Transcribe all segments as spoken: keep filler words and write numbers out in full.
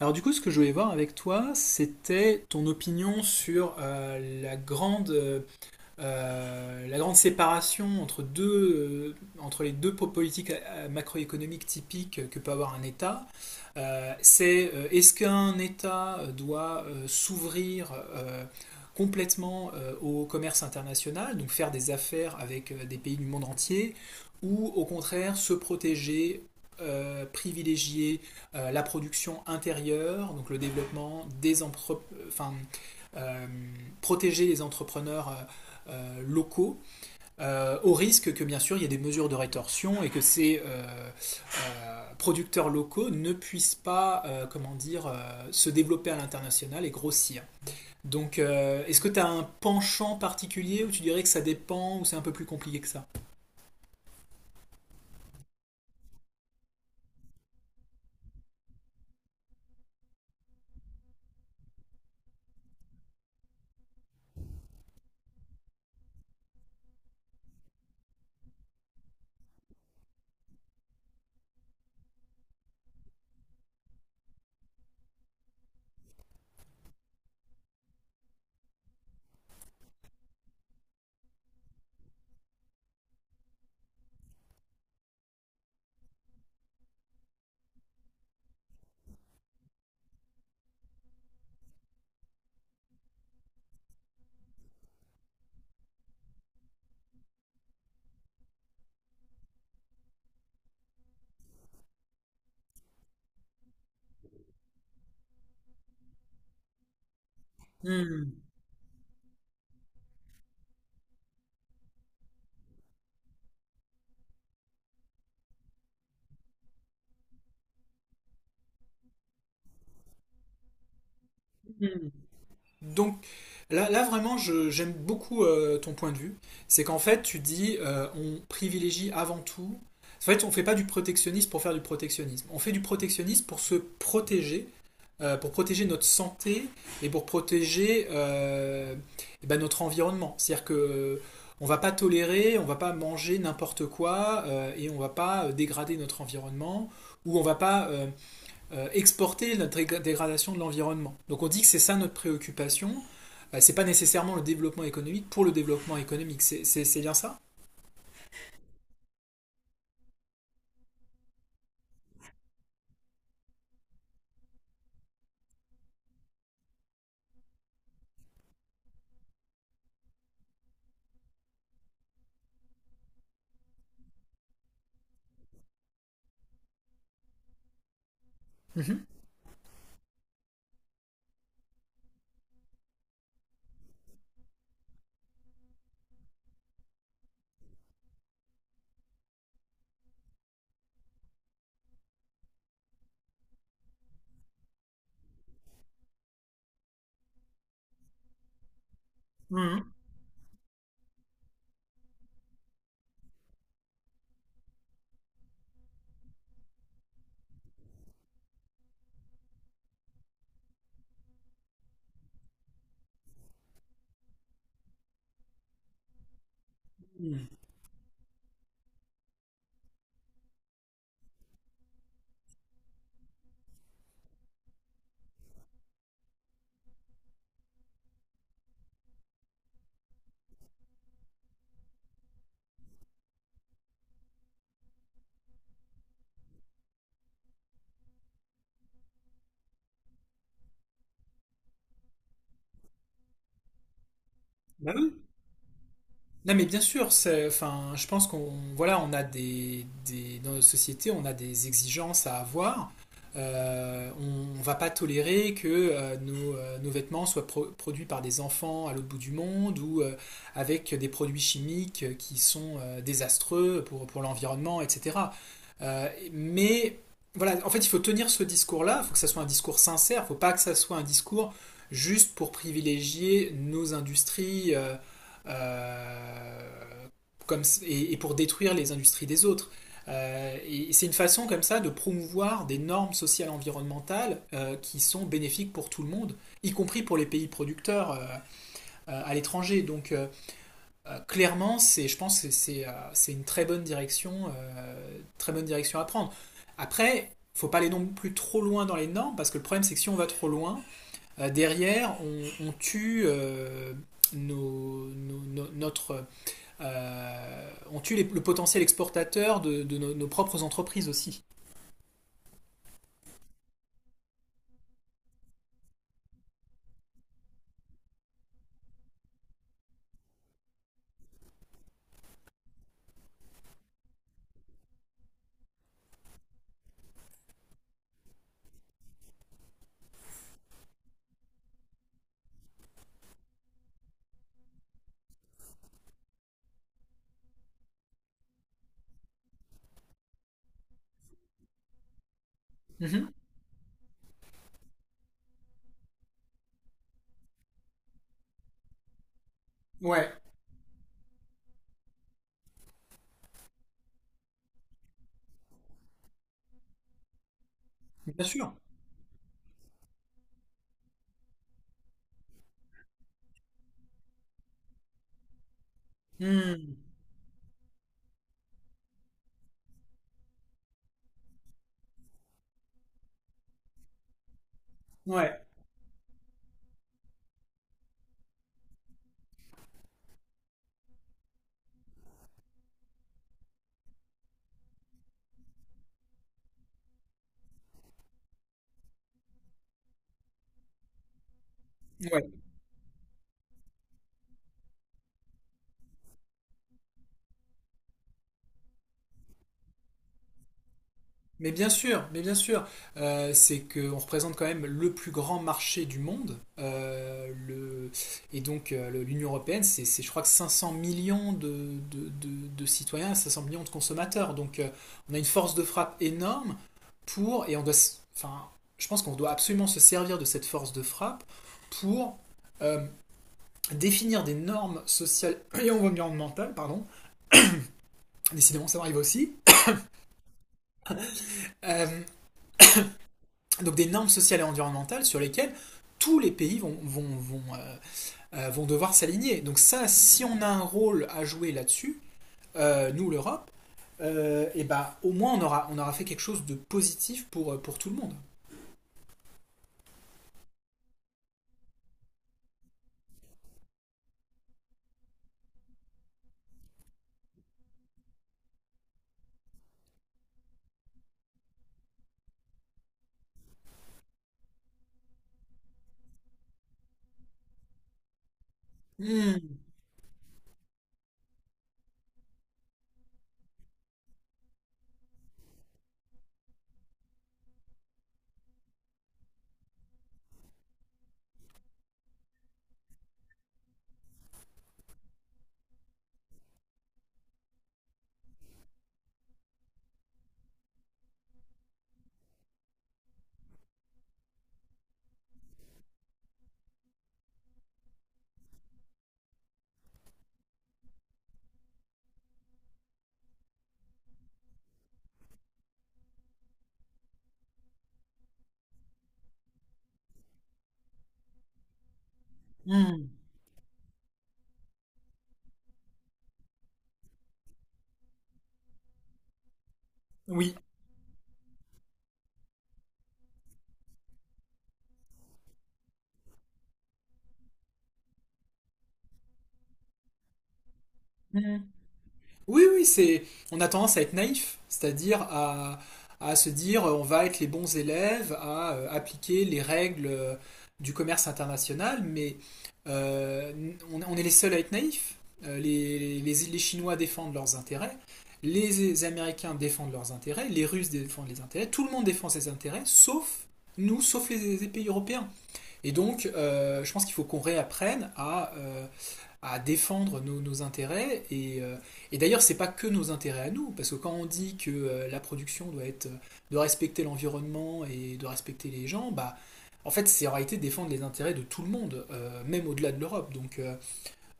Alors du coup, ce que je voulais voir avec toi, c'était ton opinion sur euh, la grande euh, euh, la grande séparation entre, deux, euh, entre les deux politiques euh, macroéconomiques typiques que peut avoir un État, euh, c'est euh, est-ce qu'un État euh, doit euh, s'ouvrir euh, complètement euh, au commerce international, donc faire des affaires avec euh, des pays du monde entier, ou au contraire se protéger, euh, privilégier euh, la production intérieure, donc le développement des enfin, euh, protéger les entrepreneurs euh, euh, locaux, euh, au risque que bien sûr il y ait des mesures de rétorsion et que ces euh, euh, producteurs locaux ne puissent pas, euh, comment dire, euh, se développer à l'international et grossir. Donc, euh, est-ce que tu as un penchant particulier ou tu dirais que ça dépend ou c'est un peu plus compliqué que ça? Hmm. Donc là, là vraiment, je- j'aime beaucoup euh, ton point de vue. C'est qu'en fait, tu dis, euh, on privilégie avant tout. En fait, on ne fait pas du protectionnisme pour faire du protectionnisme. On fait du protectionnisme pour se protéger, euh, pour protéger notre santé et pour protéger euh, eh ben, notre environnement. C'est-à-dire que euh, on va pas tolérer, on va pas manger n'importe quoi euh, et on va pas euh, dégrader notre environnement ou on va pas euh, euh, exporter notre dégradation de l'environnement. Donc on dit que c'est ça notre préoccupation. Bah, c'est pas nécessairement le développement économique pour le développement économique. C'est, c'est- c'est bien ça. Mhm. Mhm. Bah oui. Non mais bien sûr, c'est- enfin, je pense qu'on voilà, on a des, des- dans notre société, on a des exigences à avoir. Euh, on ne va pas tolérer que euh, nos, euh, nos vêtements soient pro- produits par des enfants à l'autre bout du monde ou euh, avec des produits chimiques euh, qui sont euh, désastreux pour, pour l'environnement, et cætera. Euh, mais voilà, en fait, il faut tenir ce discours-là. Il faut que ça soit un discours sincère. Il faut pas que ça soit un discours juste pour privilégier nos industries, euh, euh, comme, et, et, pour détruire les industries des autres. Euh, et c'est une façon comme ça de promouvoir des normes sociales environnementales euh, qui sont bénéfiques pour tout le monde, y compris pour les pays producteurs euh, euh, à l'étranger. Donc euh, euh, clairement, c'est, je pense que c'est, euh, c'est une très bonne direction, euh, très bonne direction à prendre. Après, il ne faut pas aller non plus trop loin dans les normes, parce que le problème c'est que si on va trop loin, euh, derrière on, on tue euh, nos, nos, nos, notre euh, on tue les- le potentiel exportateur de, de nos, nos propres entreprises aussi. Mhm. Ouais, bien sûr. Hmm. Ouais, ouais. Mais bien sûr, mais bien sûr, euh, c'est qu'on représente quand même le plus grand marché du monde, euh, le- et donc euh, le- l'Union européenne, c'est, c'est, je crois que cinq cents millions de, de- de- de citoyens, cinq cents millions de consommateurs. Donc euh, on a une force de frappe énorme pour, et on doit, s- enfin, je pense qu'on doit absolument se servir de cette force de frappe pour euh, définir des normes sociales et environnementales, pardon, décidément ça m'arrive aussi, euh, donc des normes sociales et environnementales sur lesquelles tous les pays vont, vont, vont, euh, euh, vont devoir s'aligner. Donc ça, si on a un rôle à jouer là-dessus, euh, nous l'Europe, euh, et ben au moins on aura, on aura fait quelque chose de positif pour, euh, pour tout le monde. Mm, mm, oui. Oui, oui, c'est. On a tendance à être naïf, c'est-à-dire à, à se dire euh, on va être les bons élèves, à euh, appliquer les règles euh, du commerce international, mais euh, on, on est les seuls à être naïfs. Euh, les, les, les Chinois défendent leurs intérêts, les Américains défendent leurs intérêts, les Russes défendent les intérêts, tout le monde défend ses intérêts, sauf nous, sauf les, les pays européens. Et donc, euh, je pense qu'il faut qu'on réapprenne à, euh, à défendre nos, nos intérêts. Et, euh, et d'ailleurs, c'est pas que nos intérêts à nous, parce que quand on dit que euh, la production doit être euh, de respecter l'environnement et de respecter les gens, bah en fait, c'est en réalité défendre les intérêts de tout le monde, euh, même au-delà de l'Europe. Donc, euh,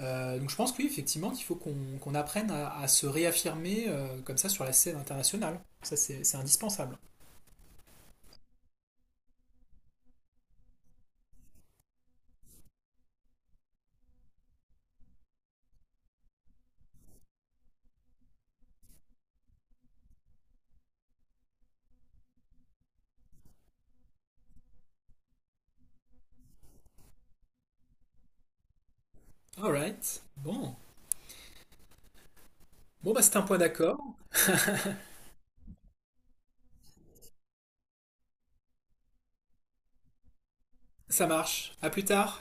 euh, donc je pense que oui, effectivement, qu'il faut qu'on qu'on apprenne à, à se réaffirmer euh, comme ça sur la scène internationale. Ça, c'est c'est indispensable. Alright. Bon. Bon, bah, c'est un point d'accord. Ça marche. À plus tard.